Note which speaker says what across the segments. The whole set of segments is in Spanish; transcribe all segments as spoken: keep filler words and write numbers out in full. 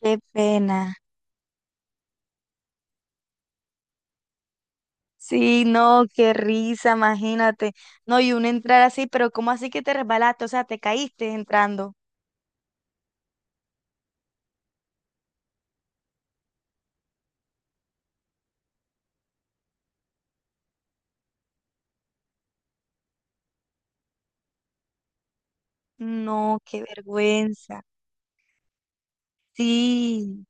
Speaker 1: Qué pena. Sí, no, qué risa, imagínate. No, y uno entrar así, pero ¿cómo así que te resbalaste? O sea, te caíste entrando. No, qué vergüenza. Sí,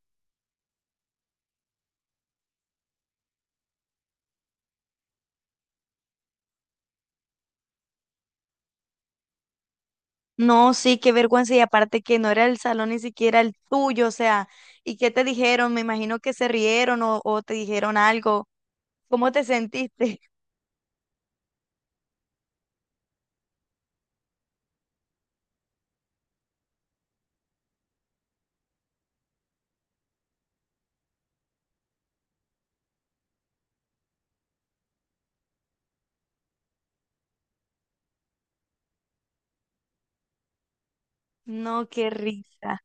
Speaker 1: no, sí, qué vergüenza. Y aparte que no era el salón ni siquiera el tuyo, o sea, ¿y qué te dijeron? Me imagino que se rieron o, o te dijeron algo. ¿Cómo te sentiste? No, qué risa.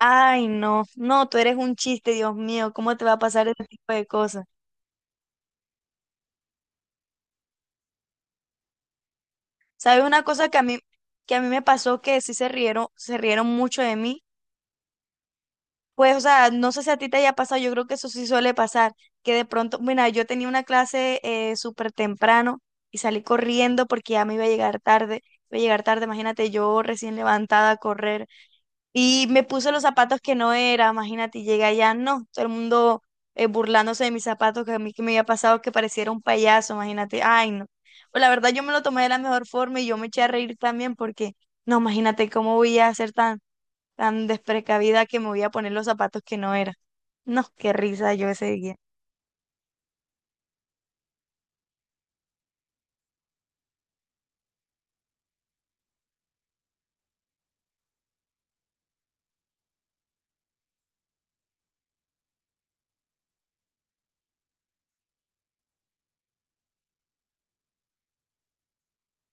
Speaker 1: Ay, no, no, tú eres un chiste, Dios mío, ¿cómo te va a pasar ese tipo de cosas? ¿Sabes una cosa que a mí, que a mí me pasó que sí se rieron, se rieron mucho de mí? Pues, o sea, no sé si a ti te haya pasado, yo creo que eso sí suele pasar, que de pronto, mira, yo tenía una clase eh, súper temprano y salí corriendo porque ya me iba a llegar tarde, iba a llegar tarde, imagínate yo recién levantada a correr. Y me puse los zapatos que no era, imagínate, y llegué allá, no, todo el mundo eh, burlándose de mis zapatos, que a mí que me había pasado que pareciera un payaso, imagínate, ay no. Pues la verdad yo me lo tomé de la mejor forma y yo me eché a reír también porque, no, imagínate cómo voy a ser tan, tan desprecavida que me voy a poner los zapatos que no era. No, qué risa yo ese día.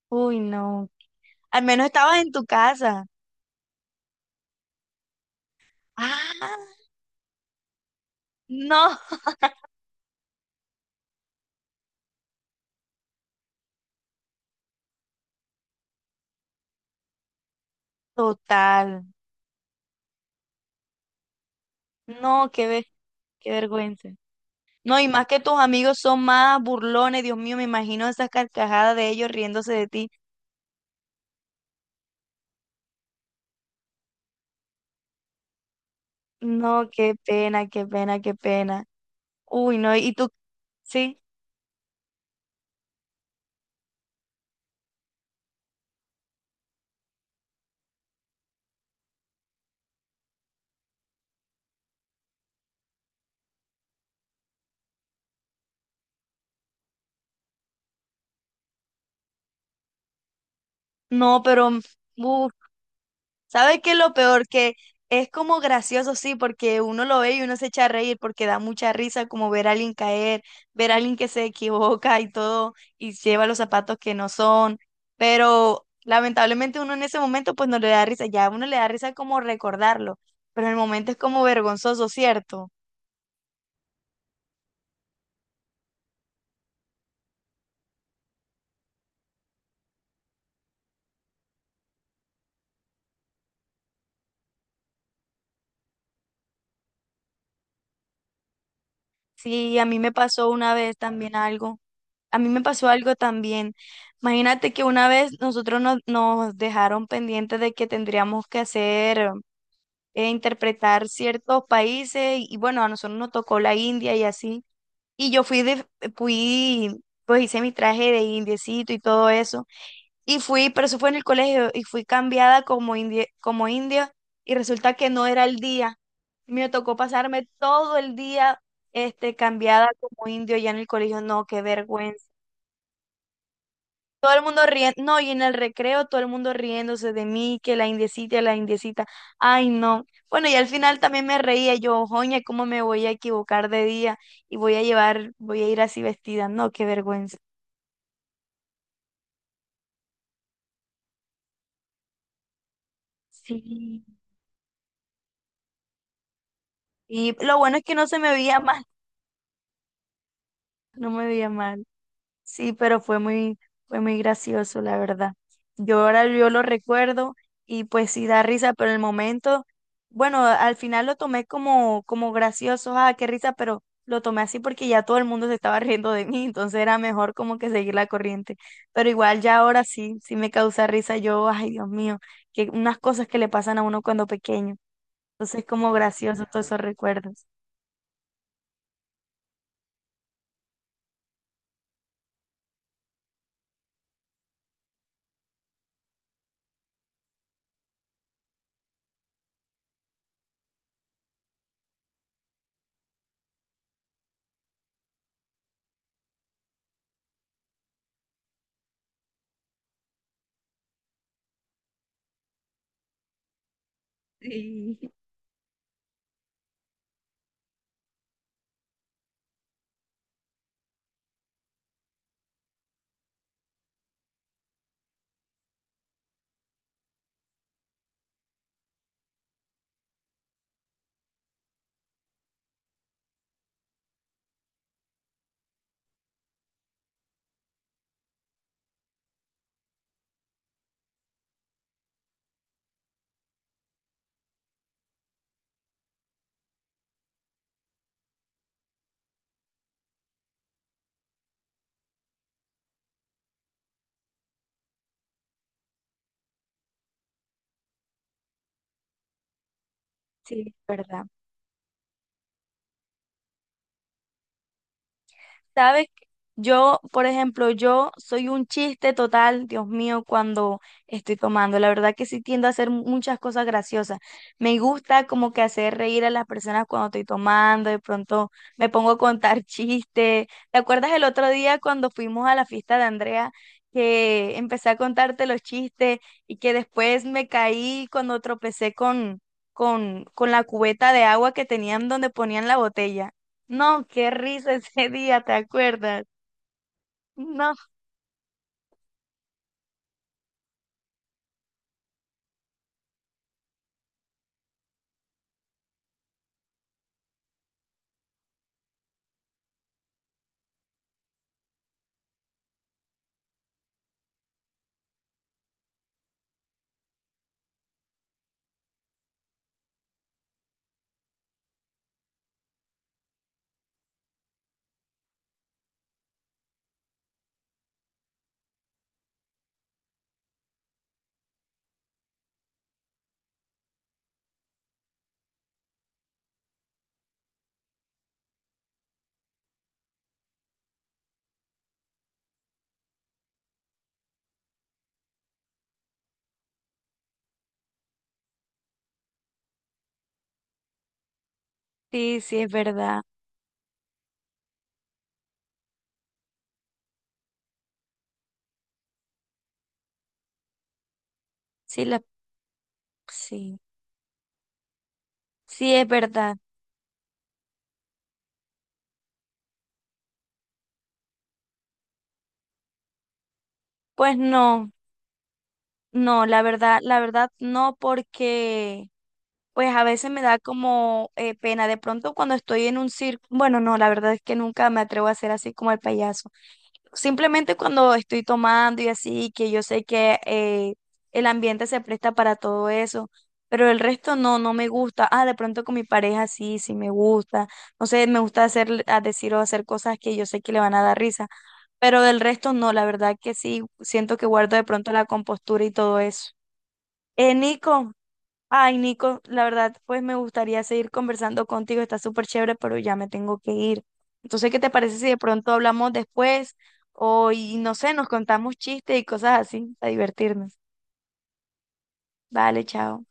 Speaker 1: Uy, no. Al menos estabas en tu casa. Ah, no, total. No, qué, ve- qué vergüenza. No, y más que tus amigos son más burlones, Dios mío, me imagino esas carcajadas de ellos riéndose de ti. No, qué pena, qué pena, qué pena. Uy, no, y tú, sí, no, pero, uy, ¿sabes qué es lo peor? Que es como gracioso, sí, porque uno lo ve y uno se echa a reír porque da mucha risa como ver a alguien caer, ver a alguien que se equivoca y todo, y lleva los zapatos que no son, pero lamentablemente uno en ese momento pues no le da risa, ya a uno le da risa como recordarlo, pero en el momento es como vergonzoso, ¿cierto? Sí, a mí me pasó una vez también algo, a mí me pasó algo también. Imagínate que una vez nosotros nos, nos dejaron pendientes de que tendríamos que hacer eh, interpretar ciertos países y bueno, a nosotros nos tocó la India y así. Y yo fui, de, fui, pues hice mi traje de indiecito y todo eso. Y fui, pero eso fue en el colegio y fui cambiada como india, como india y resulta que no era el día. Me tocó pasarme todo el día este, cambiada como indio ya en el colegio. No, qué vergüenza. Todo el mundo riendo, no, y en el recreo todo el mundo riéndose de mí, que la indecita, la indecita, ay no. Bueno, y al final también me reía yo, joña, ¿cómo me voy a equivocar de día? Y voy a llevar, voy a ir así vestida, no, qué vergüenza. Sí. Y lo bueno es que no se me veía mal, no me veía mal. Sí, pero fue muy, fue muy gracioso, la verdad. Yo ahora yo lo recuerdo y pues sí da risa, pero en el momento, bueno, al final lo tomé como, como gracioso, ah, qué risa, pero lo tomé así porque ya todo el mundo se estaba riendo de mí, entonces era mejor como que seguir la corriente. Pero igual ya ahora sí, sí me causa risa yo, ay Dios mío, que unas cosas que le pasan a uno cuando pequeño. Entonces como gracioso todos esos recuerdos. Sí, ¿verdad? ¿Sabes? Yo, por ejemplo, yo soy un chiste total, Dios mío, cuando estoy tomando. La verdad que sí tiendo a hacer muchas cosas graciosas. Me gusta como que hacer reír a las personas cuando estoy tomando, de pronto me pongo a contar chistes. ¿Te acuerdas el otro día cuando fuimos a la fiesta de Andrea que empecé a contarte los chistes y que después me caí cuando tropecé con, con, con la cubeta de agua que tenían donde ponían la botella? No, qué risa ese día, ¿te acuerdas? No, sí, sí es verdad. Sí, la, sí, sí es verdad. Pues no, no, la verdad, la verdad no, porque pues a veces me da como eh, pena. De pronto cuando estoy en un circo, bueno, no, la verdad es que nunca me atrevo a hacer así como el payaso. Simplemente cuando estoy tomando y así, que yo sé que eh, el ambiente se presta para todo eso, pero el resto no, no me gusta. Ah, de pronto con mi pareja sí, sí me gusta. No sé, me gusta hacer, a decir o hacer cosas que yo sé que le van a dar risa, pero del resto no, la verdad que sí, siento que guardo de pronto la compostura y todo eso. Eh, Nico, ay, Nico, la verdad, pues me gustaría seguir conversando contigo, está súper chévere, pero ya me tengo que ir. Entonces, ¿qué te parece si de pronto hablamos después? O, y no sé, nos contamos chistes y cosas así, para divertirnos. Vale, chao.